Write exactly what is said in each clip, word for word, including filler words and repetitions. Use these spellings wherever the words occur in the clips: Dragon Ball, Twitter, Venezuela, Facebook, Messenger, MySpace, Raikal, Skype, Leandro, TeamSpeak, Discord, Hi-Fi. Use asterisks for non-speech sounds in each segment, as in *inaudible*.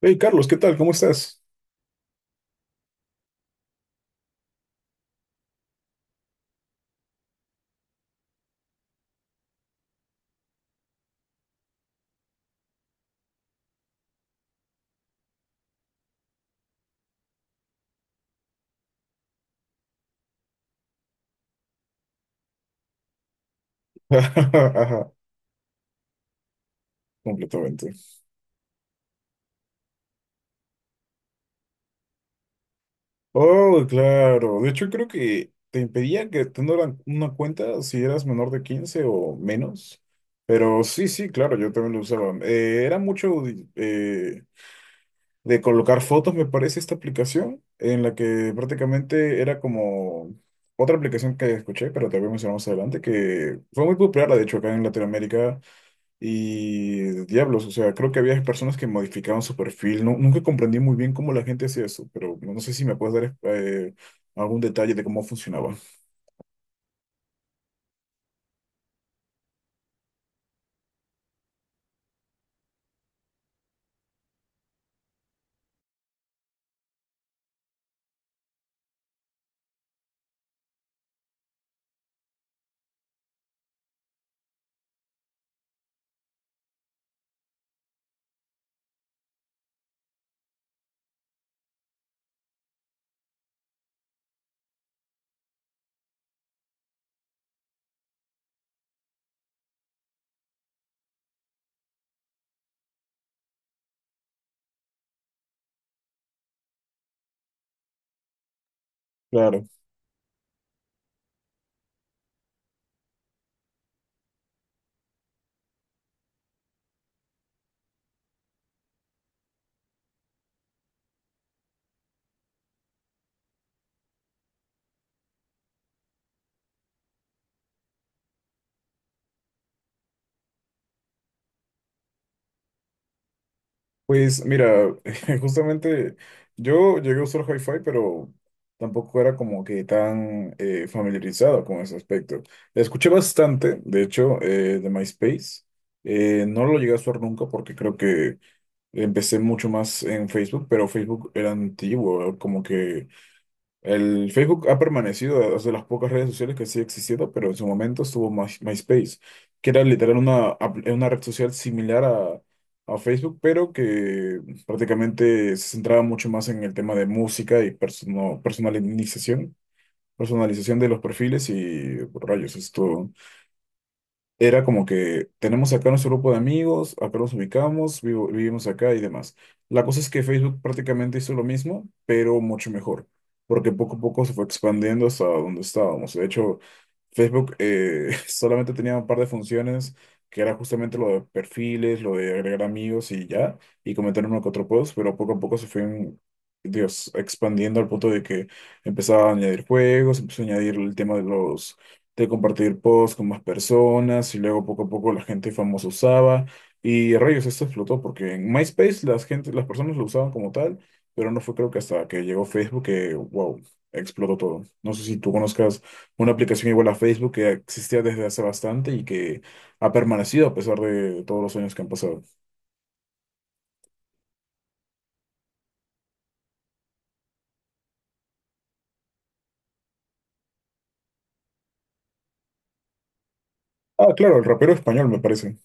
Hey Carlos, ¿qué tal? ¿Cómo estás? *laughs* Completamente. Oh, claro. De hecho, creo que te impedían que tuvieran una cuenta si eras menor de quince o menos. Pero sí, sí, claro, yo también lo usaba. Eh, era mucho de eh, de colocar fotos, me parece, esta aplicación, en la que prácticamente era como otra aplicación que escuché, pero te voy a mencionar más adelante, que fue muy popular, de hecho, acá en Latinoamérica. Y diablos, o sea, creo que había personas que modificaban su perfil. No, nunca comprendí muy bien cómo la gente hacía eso, pero no sé si me puedes dar eh, eh, algún detalle de cómo funcionaba. Claro. Pues mira, *laughs* justamente yo llegué a usar Hi-Fi, pero tampoco era como que tan eh, familiarizado con ese aspecto. Escuché bastante, de hecho, eh, de MySpace. Eh, no lo llegué a usar nunca porque creo que empecé mucho más en Facebook, pero Facebook era antiguo, como que el Facebook ha permanecido, es de las pocas redes sociales que sigue existiendo, pero en su momento estuvo My- MySpace, que era literal una, apl- una red social similar a, a Facebook, pero que prácticamente se centraba mucho más en el tema de música y persona- personalización, personalización de los perfiles y rayos, esto era como que tenemos acá nuestro grupo de amigos, acá nos ubicamos, vivo- vivimos acá y demás. La cosa es que Facebook prácticamente hizo lo mismo, pero mucho mejor, porque poco a poco se fue expandiendo hasta donde estábamos. De hecho, Facebook eh, *laughs* solamente tenía un par de funciones, que era justamente lo de perfiles, lo de agregar amigos y ya, y comentar uno que otro post, pero poco a poco se fue, en- Dios, expandiendo al punto de que empezaba a añadir juegos, empezó a añadir el tema de los de compartir posts con más personas y luego poco a poco la gente famosa usaba y rayos, esto explotó porque en MySpace las gente, las personas lo usaban como tal, pero no fue creo que hasta que llegó Facebook que, wow, explotó todo. No sé si tú conozcas una aplicación igual a Facebook que existía desde hace bastante y que ha permanecido a pesar de todos los años que han pasado. Ah, claro, el rapero español me parece.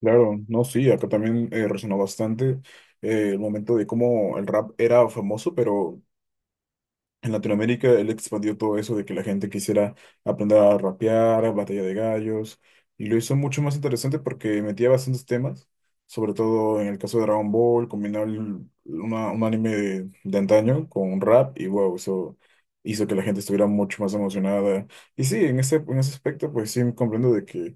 Claro, no, sí, acá también eh, resonó bastante eh, el momento de cómo el rap era famoso, pero en Latinoamérica él expandió todo eso de que la gente quisiera aprender a rapear, a batalla de gallos, y lo hizo mucho más interesante porque metía bastantes temas, sobre todo en el caso de Dragon Ball, combinó el- una- un anime de, de antaño con un rap, y wow, eso hizo que la gente estuviera mucho más emocionada. Y sí, en ese, en ese aspecto, pues sí comprendo de que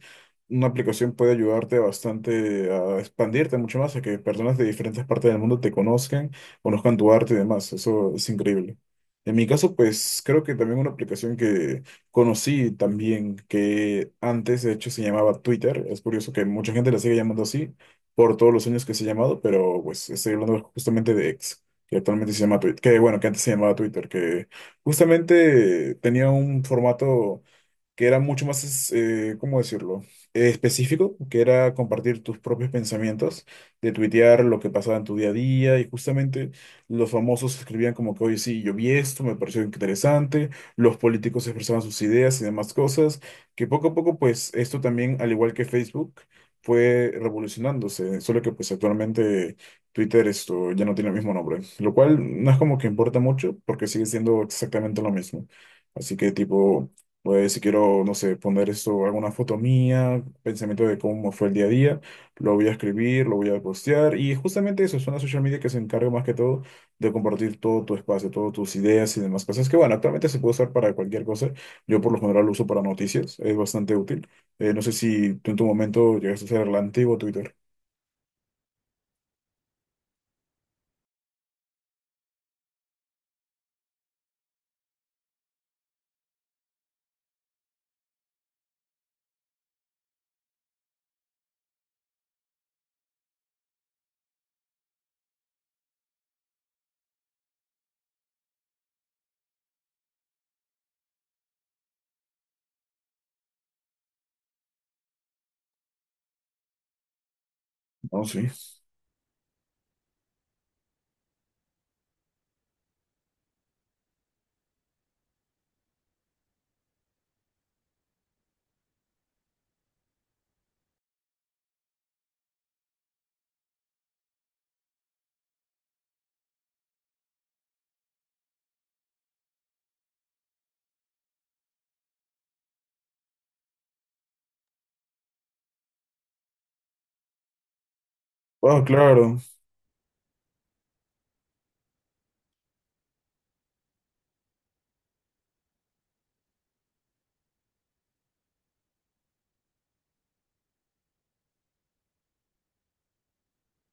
una aplicación puede ayudarte bastante a expandirte mucho más, a que personas de diferentes partes del mundo te conozcan, conozcan tu arte y demás, eso es increíble. En mi caso, pues creo que también una aplicación que conocí también, que antes de hecho se llamaba Twitter. Es curioso que mucha gente la sigue llamando así por todos los años que se ha llamado, pero pues estoy hablando justamente de X, que actualmente se llama Twitter, que bueno, que antes se llamaba Twitter, que justamente tenía un formato que era mucho más, eh, ¿cómo decirlo? Eh, específico, que era compartir tus propios pensamientos, de tuitear lo que pasaba en tu día a día, y justamente los famosos escribían como que, hoy sí, yo vi esto, me pareció interesante, los políticos expresaban sus ideas y demás cosas, que poco a poco, pues, esto también, al igual que Facebook, fue revolucionándose, solo que pues actualmente Twitter esto ya no tiene el mismo nombre, lo cual no es como que importa mucho porque sigue siendo exactamente lo mismo. Así que tipo, pues si quiero, no sé, poner esto, alguna foto mía, pensamiento de cómo fue el día a día, lo voy a escribir, lo voy a postear y justamente eso es una social media que se encarga más que todo de compartir todo tu espacio, todas tus ideas y demás cosas que bueno, actualmente se puede usar para cualquier cosa. Yo por lo general lo uso para noticias, es bastante útil. Eh, no sé si tú en tu momento llegaste a usar el antiguo Twitter. No, sí. Ah, claro,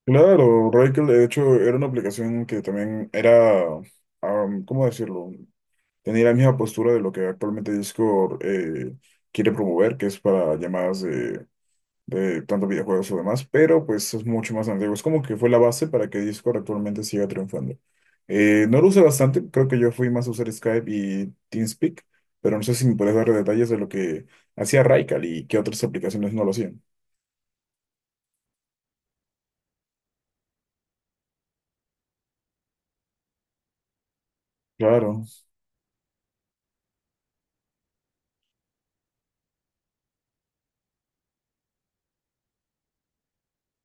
claro, Rakel de hecho era una aplicación que también era, ah, ¿cómo decirlo? Tenía la misma postura de lo que actualmente Discord eh, quiere promover, que es para llamadas de, de tanto videojuegos o demás, pero pues es mucho más antiguo. Es como que fue la base para que Discord actualmente siga triunfando. Eh, no lo usé bastante, creo que yo fui más a usar Skype y TeamSpeak, pero no sé si me puedes dar detalles de lo que hacía Raikal y qué otras aplicaciones no lo hacían. Claro,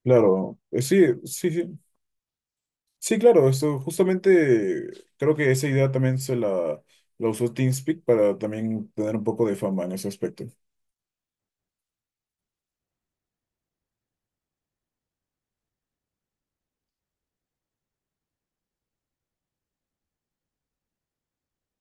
claro. Eh, sí, sí, sí. Sí, claro, esto justamente creo que esa idea también se la, la usó TeamSpeak para también tener un poco de fama en ese aspecto.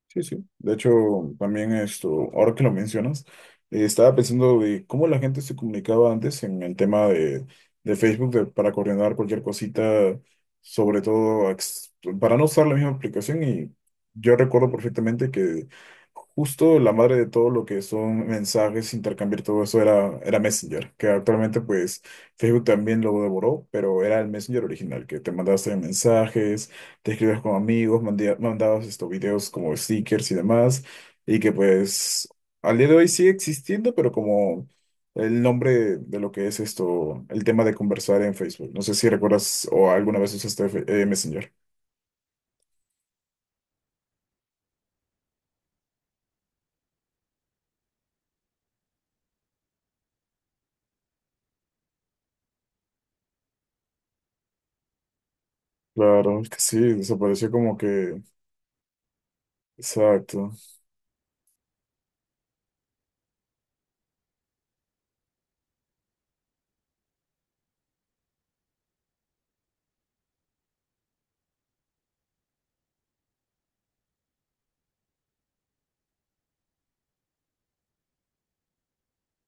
Sí, sí. De hecho, también esto, ahora que lo mencionas, eh, estaba pensando de cómo la gente se comunicaba antes en el tema de, de Facebook de- para coordinar cualquier cosita, sobre todo ex- para no usar la misma aplicación. Y yo recuerdo perfectamente que justo la madre de todo lo que son mensajes, intercambiar todo eso era, era Messenger, que actualmente pues Facebook también lo devoró, pero era el Messenger original, que te mandaste mensajes te escribas con amigos, mandi- mandabas estos videos como stickers y demás, y que pues al día de hoy sigue existiendo, pero como el nombre de, de lo que es esto, el tema de conversar en Facebook. No sé si recuerdas o alguna vez usaste Fe- eh, Messenger. Claro, es que sí, desapareció como que... Exacto.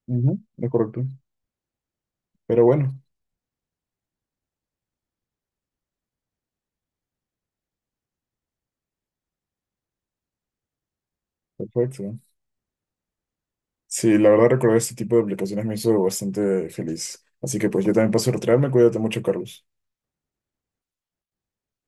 Ujú, es correcto. Pero bueno, perfecto. Sí, la verdad recordar este tipo de aplicaciones me hizo bastante feliz. Así que pues yo también paso a retirarme. Cuídate mucho, Carlos.